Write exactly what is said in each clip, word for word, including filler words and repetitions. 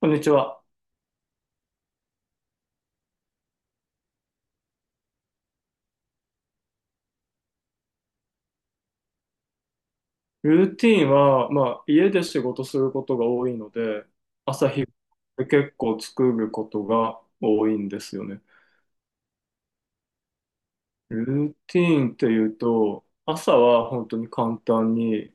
こんにちは。ルーティーンは、まあ、家で仕事することが多いので、朝日で結構作ることが多いんですよね。ルーティーンっていうと、朝は本当に簡単に、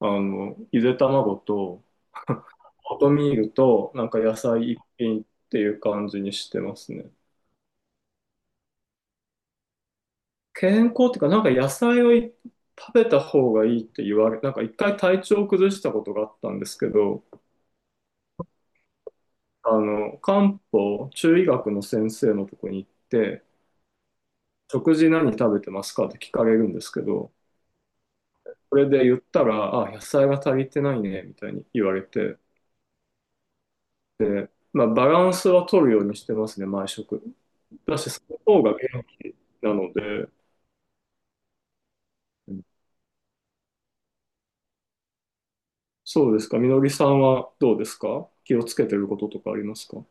あの、ゆで卵と、オートミールと、なんか野菜一品っていう感じにしてますね。健康っていうか、なんか野菜をい食べた方がいいって言われ、なんか一回体調を崩したことがあったんですけど、あの、漢方、中医学の先生のとこに行って、食事何食べてますかって聞かれるんですけど、それで言ったら、あ、野菜が足りてないね、みたいに言われて、で、まあ、バランスは取るようにしてますね、毎食。だし、その方が元気なので、うん。そうですか、みのりさんはどうですか？気をつけてることとかありますか？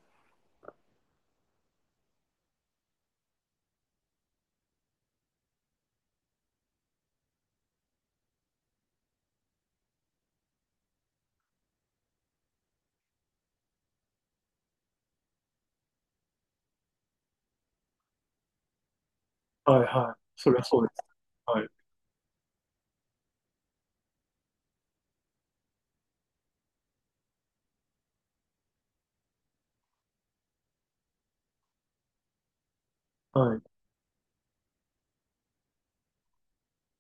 はいはい。そりゃそうです。はい。はい。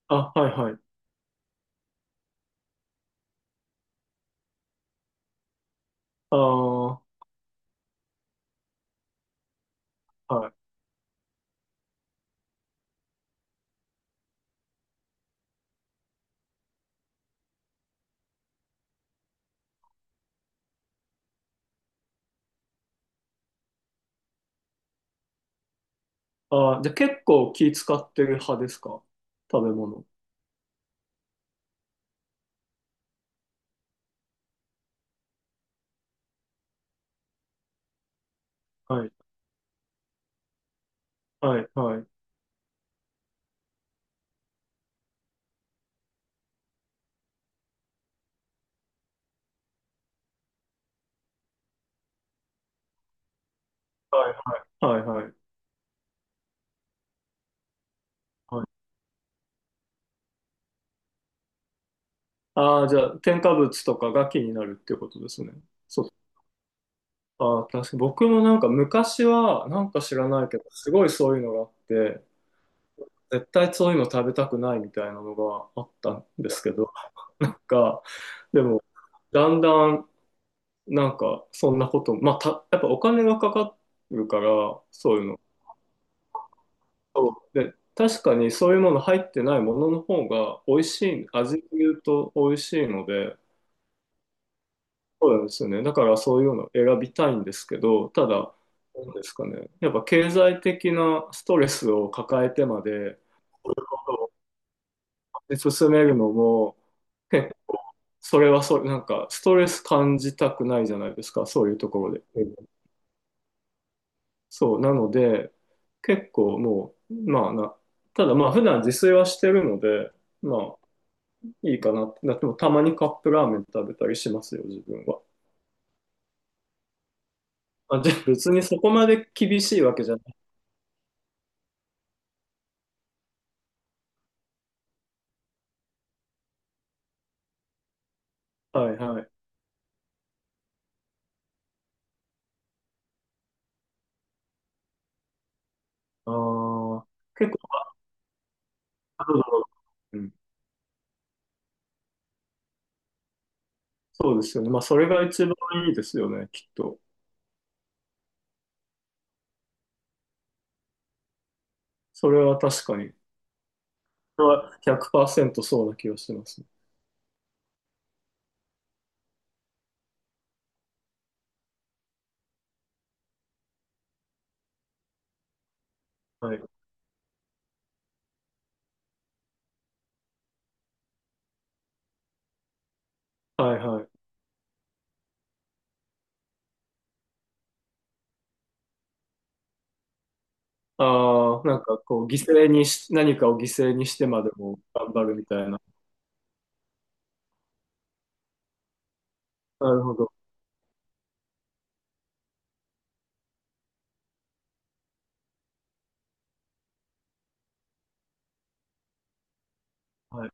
あ、はいはい。ああ、はい。ああ、じゃあ結構気使ってる派ですか？食べ物。はい、はい、はい。はい、はい、はい。はい。ああ、じゃあ、添加物とかが気になるっていうことですね。そう。ああ、確かに僕もなんか昔は、なんか知らないけど、すごいそういうのがあって、絶対そういうの食べたくないみたいなのがあったんですけど、なんか、でも、だんだん、なんか、そんなことも、まあ、た、やっぱお金がかかるから、そういうの、そうで、確かにそういうもの入ってないものの方が美味しい、味で言うと美味しいので、そうなんですよね。だからそういうのを選びたいんですけど、ただ、なんですかね。やっぱ経済的なストレスを抱えてまで進めるのも、結構それはそれ、なんかストレス感じたくないじゃないですか、そういうところで。うん。そう、なので、結構もう、まあな、ただまあ普段自炊はしてるので、まあいいかなってなっても、たまにカップラーメン食べたりしますよ、自分は。あ、じゃあ別にそこまで厳しいわけじゃない。はいはい。ああ、結構、うだろう。うん。そうですよね。まあ、それが一番いいですよね、きっと。それは確かに。それはひゃくパーセントそうな気がしますね。はい。はいはい。ああ、なんかこう、犠牲にし、何かを犠牲にしてまでも頑張るみたいな。なるほど。はい。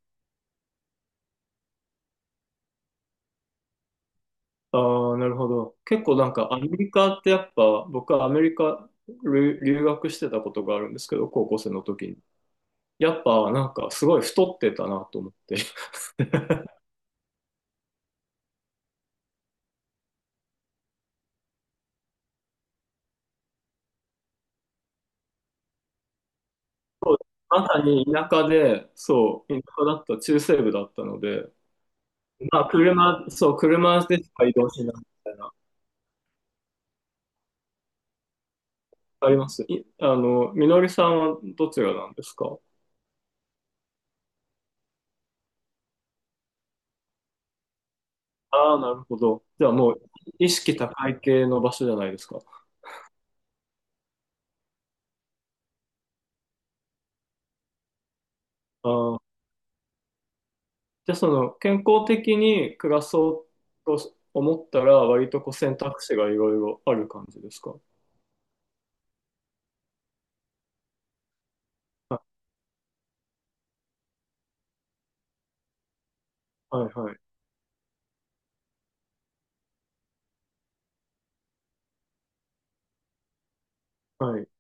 ああ、なるほど。結構なんかアメリカってやっぱ、僕はアメリカ留留学してたことがあるんですけど、高校生の時に。やっぱなんかすごい太ってたなと思って。まさに田舎で、そう、田舎だった、中西部だったので、まあ車、そう、車でしか移動しないみたいな。あります。い、あの、みのりさんはどちらなんですか？ああー、なるほど。じゃあもう意識高い系の場所じゃないですか。ああ。じゃあその健康的に暮らそうと思ったら割とこう選択肢がいろいろある感じですか？あ、はいはいはい。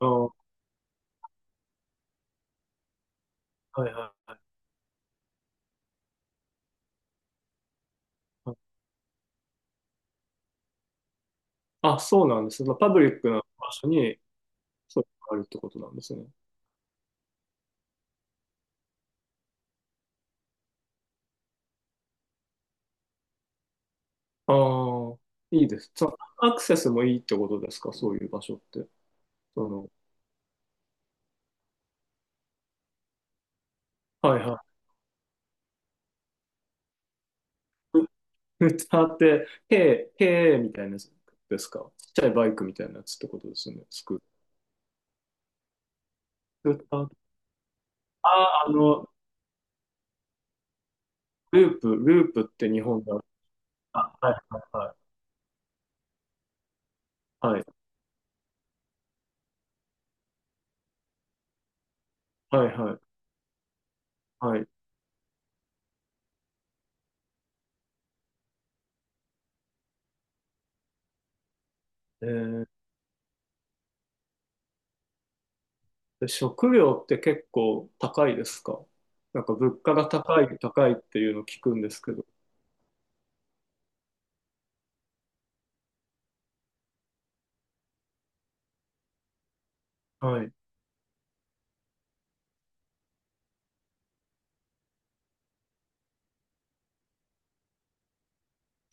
あー、はいはいはい、はい。あ、そうなんですね。まあパブリックな場所にそういうのがあるってことなんですね。ああ、いいです。そのアクセスもいいってことですか？そういう場所って。その、はいはい。歌って、へーへえみたいなやつですか？ちっちゃいバイクみたいなやつってことですよね。スクーター。ああ、あの、ループ、ループって日本だ。あ、はいはいはい、はい、はいはい、はい。えー、で食料って結構高いですか？なんか物価が高い、高いっていうのを聞くんですけど。はい。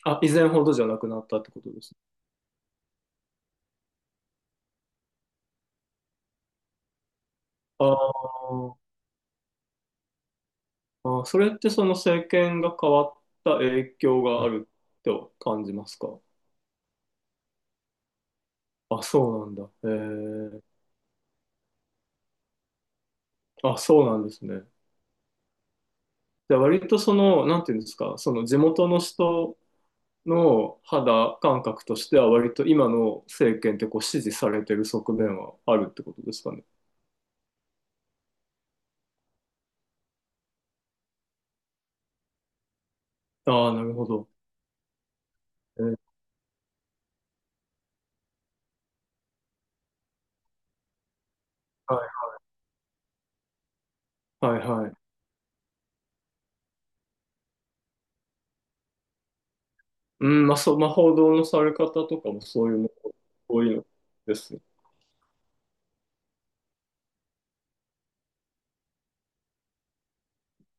あ、以前ほどじゃなくなったってことですね。あー。あー、それってその政権が変わった影響があると感じますか？あ、そうなんだ。えー、あ、そうなんですね。じゃあ割とその、なんていうんですか、その地元の人の肌感覚としては割と今の政権ってこう支持されてる側面はあるってことですかね。ああ、なるほど。えー。はい、はい、はい。うん、まあ、そう、まあ、報道のされ方とかもそういうの、多いのですね。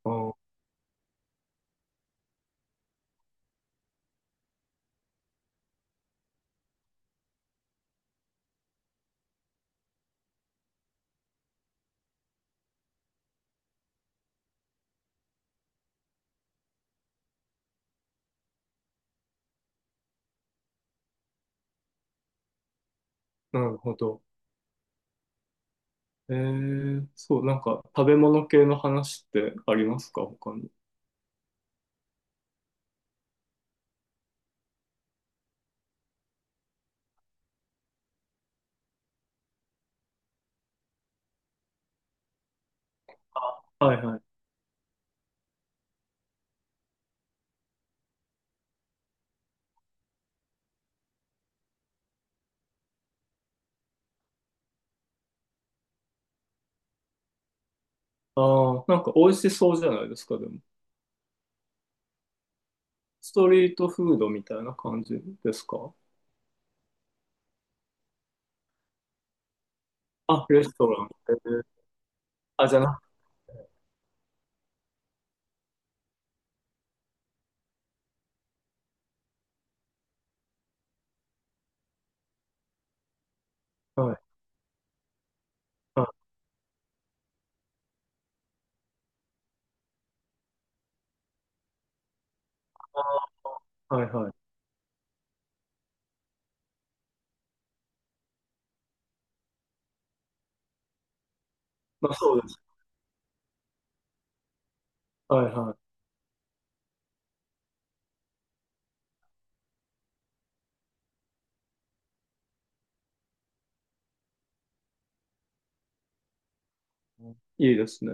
ああ、なるほど。えー、そう、なんか食べ物系の話ってありますか、他に。あ、はいはい。ああ、なんか美味しそうじゃないですか、でも。ストリートフードみたいな感じですか？あ、レストラン。えー、あ、じゃなく、はい。はいはい。まあそうです。はいはい。いいですね。